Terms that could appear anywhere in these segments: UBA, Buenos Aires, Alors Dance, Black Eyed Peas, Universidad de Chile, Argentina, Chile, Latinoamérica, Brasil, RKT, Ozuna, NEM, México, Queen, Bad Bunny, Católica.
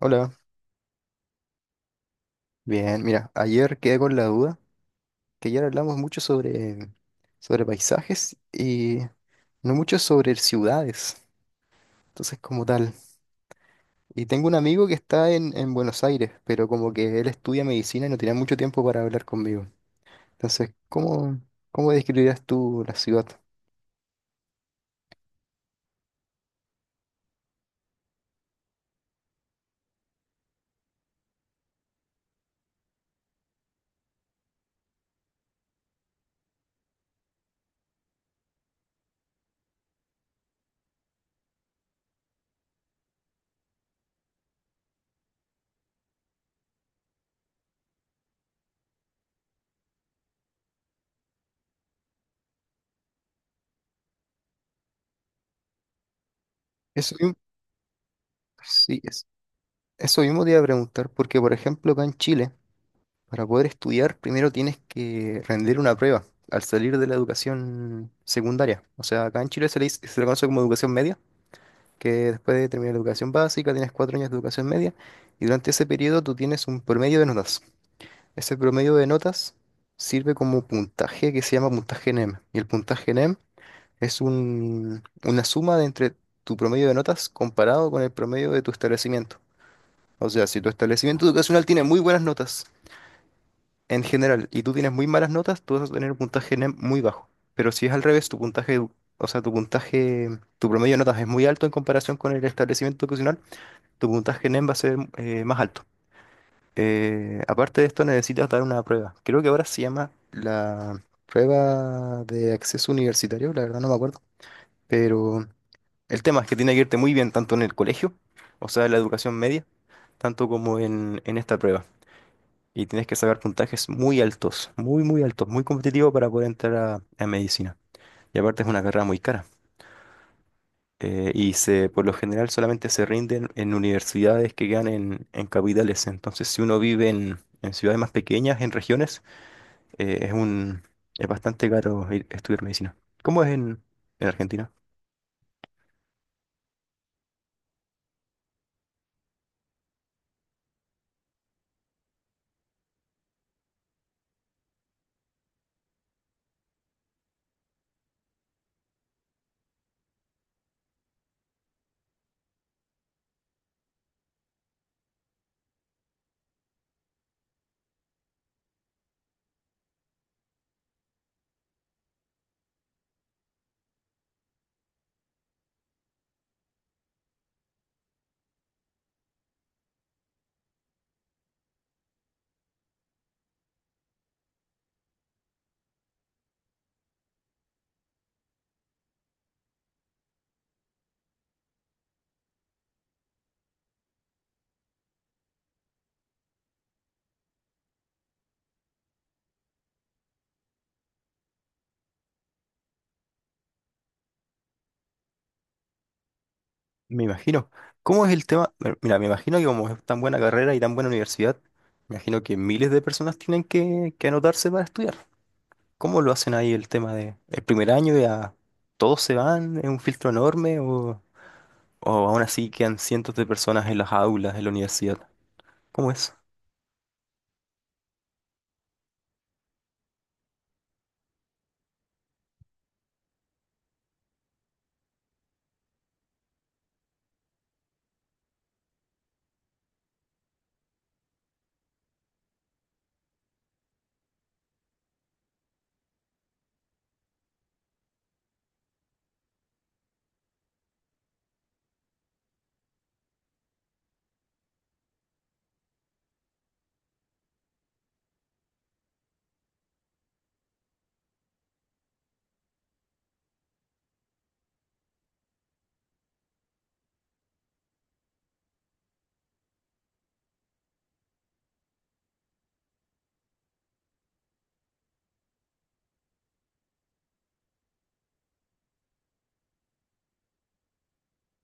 Hola, bien, mira, ayer quedé con la duda que ayer hablamos mucho sobre paisajes y no mucho sobre ciudades, entonces como tal. Y tengo un amigo que está en Buenos Aires, pero como que él estudia medicina y no tiene mucho tiempo para hablar conmigo. Entonces, ¿cómo describirías tú la ciudad? Eso mismo, sí, eso mismo te iba a preguntar, porque por ejemplo acá en Chile, para poder estudiar, primero tienes que rendir una prueba al salir de la educación secundaria. O sea, acá en Chile se le conoce como educación media, que después de terminar la educación básica tienes 4 años de educación media y durante ese periodo tú tienes un promedio de notas. Ese promedio de notas sirve como puntaje que se llama puntaje NEM. Y el puntaje NEM es una suma de entre tu promedio de notas comparado con el promedio de tu establecimiento. O sea, si tu establecimiento educacional tiene muy buenas notas, en general, y tú tienes muy malas notas, tú vas a tener un puntaje muy bajo. Pero si es al revés, tu puntaje, o sea, tu puntaje, tu promedio de notas es muy alto en comparación con el establecimiento educacional, tu puntaje NEM va a ser más alto. Aparte de esto, necesitas dar una prueba. Creo que ahora se llama la prueba de acceso universitario, la verdad no me acuerdo. Pero el tema es que tiene que irte muy bien tanto en el colegio, o sea, en la educación media, tanto como en esta prueba. Y tienes que sacar puntajes muy altos, muy competitivo para poder entrar a medicina. Y aparte es una carrera muy cara. Y por lo general solamente se rinden en universidades que quedan en capitales. Entonces, si uno vive en ciudades más pequeñas, en regiones, eh, es un, es bastante caro estudiar medicina. ¿Cómo es en Argentina? Me imagino. ¿Cómo es el tema? Bueno, mira, me imagino que como es tan buena carrera y tan buena universidad, me imagino que miles de personas tienen que anotarse para estudiar. ¿Cómo lo hacen ahí el tema de el primer año ya todos se van, es un filtro enorme o aún así quedan cientos de personas en las aulas de la universidad? ¿Cómo es?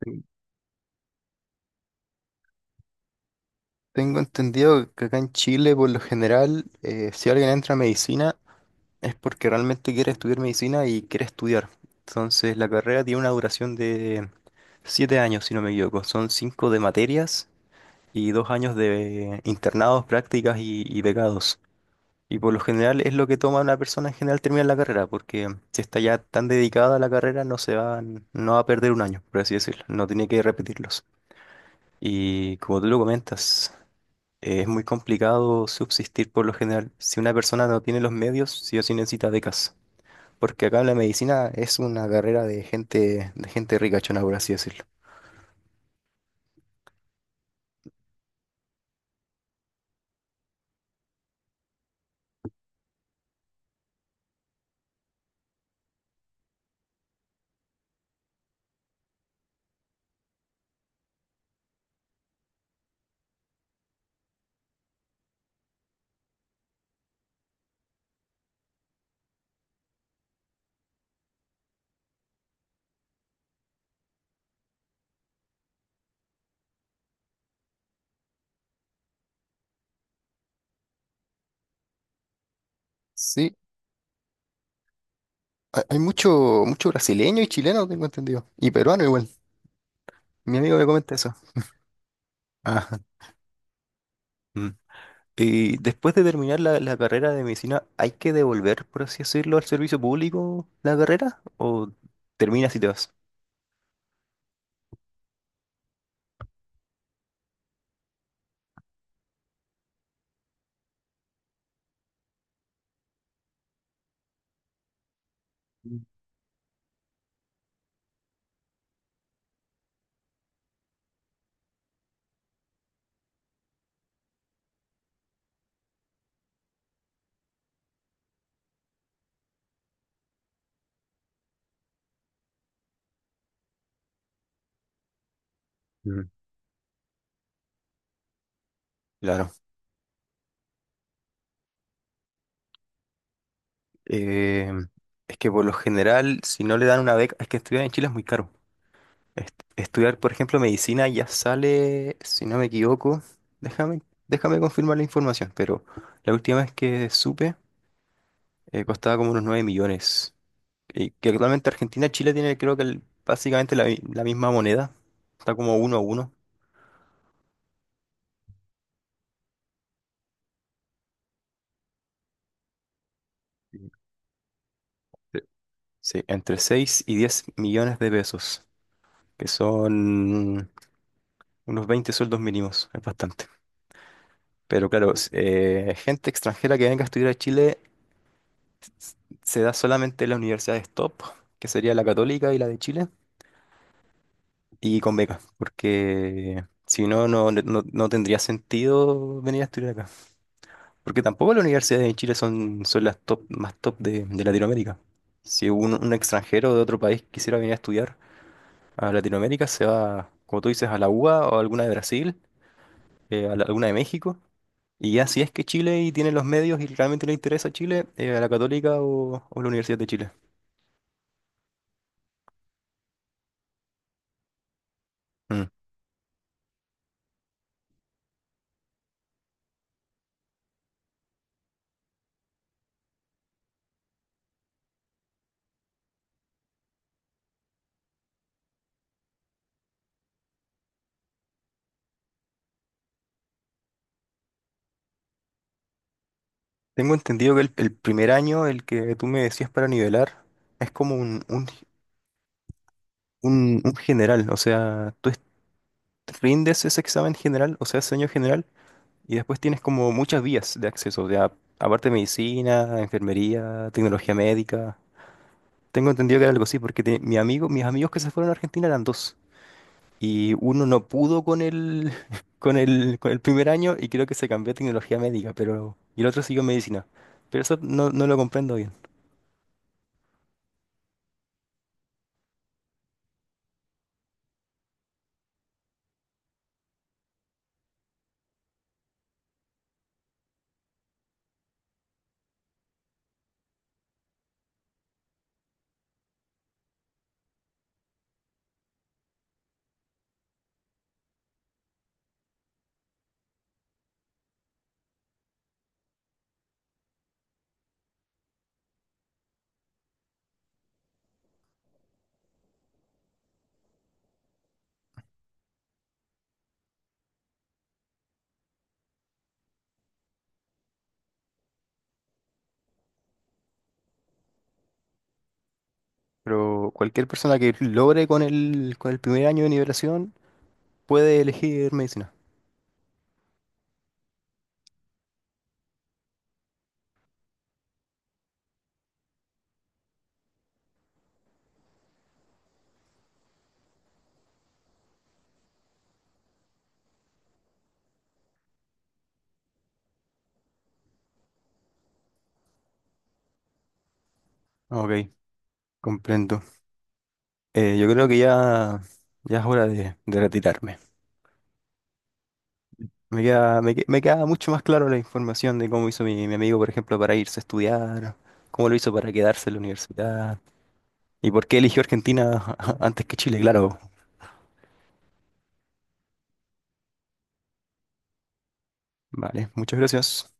Ten- Tengo entendido que acá en Chile, por lo general, si alguien entra a medicina es porque realmente quiere estudiar medicina y quiere estudiar. Entonces, la carrera tiene una duración de 7 años, si no me equivoco. Son cinco de materias y 2 años de internados, prácticas y becados. Y por lo general es lo que toma una persona en general terminar la carrera, porque si está ya tan dedicada a la carrera no se va, no va a perder un año, por así decirlo, no tiene que repetirlos. Y como tú lo comentas, es muy complicado subsistir por lo general. Si una persona no tiene los medios, sí o sí necesita becas, porque acá en la medicina es una carrera de gente ricachona, por así decirlo. Sí, hay mucho, mucho brasileño y chileno, tengo entendido, y peruano igual. Mi amigo me comenta eso. Ajá. Y después de terminar la carrera de medicina, ¿hay que devolver, por así decirlo, al servicio público la carrera? ¿O terminas y te vas? Mm, claro. Eh, es que por lo general, si no le dan una beca, es que estudiar en Chile es muy caro. Estudiar, por ejemplo, medicina ya sale, si no me equivoco, déjame, déjame confirmar la información, pero la última vez que supe, costaba como unos 9 millones. Que actualmente Argentina y Chile tiene creo que básicamente la misma moneda. Está como 1 a 1. Sí, sí, entre 6 y 10 millones de pesos, que son unos 20 sueldos mínimos, es bastante. Pero claro, gente extranjera que venga a estudiar a Chile se da solamente en las universidades top, que sería la Católica y la de Chile, y con becas, porque si no, no tendría sentido venir a estudiar acá. Porque tampoco las universidades en Chile son las top, más top de Latinoamérica. Si un extranjero de otro país quisiera venir a estudiar a Latinoamérica, se va, como tú dices, a la UBA o a alguna de Brasil, alguna de México. Y ya si es que Chile y tiene los medios y realmente le interesa Chile, a la Católica o la Universidad de Chile. Mm. Tengo entendido que el primer año, el que tú me decías para nivelar, es como un general. O sea, tú rindes ese examen general, o sea, ese año general. Y después tienes como muchas vías de acceso, o sea, aparte de medicina, enfermería, tecnología médica. Tengo entendido que era algo así, porque mi amigo, mis amigos que se fueron a Argentina eran dos. Y uno no pudo con el primer año y creo que se cambió a tecnología médica, y el otro siguió medicina. Pero eso no lo comprendo bien. Pero cualquier persona que logre con el primer año de nivelación puede elegir medicina. Ok, comprendo. Yo creo que ya es hora de retirarme. Me queda mucho más claro la información de cómo hizo mi amigo, por ejemplo, para irse a estudiar, cómo lo hizo para quedarse en la universidad y por qué eligió Argentina antes que Chile, claro. Vale, muchas gracias.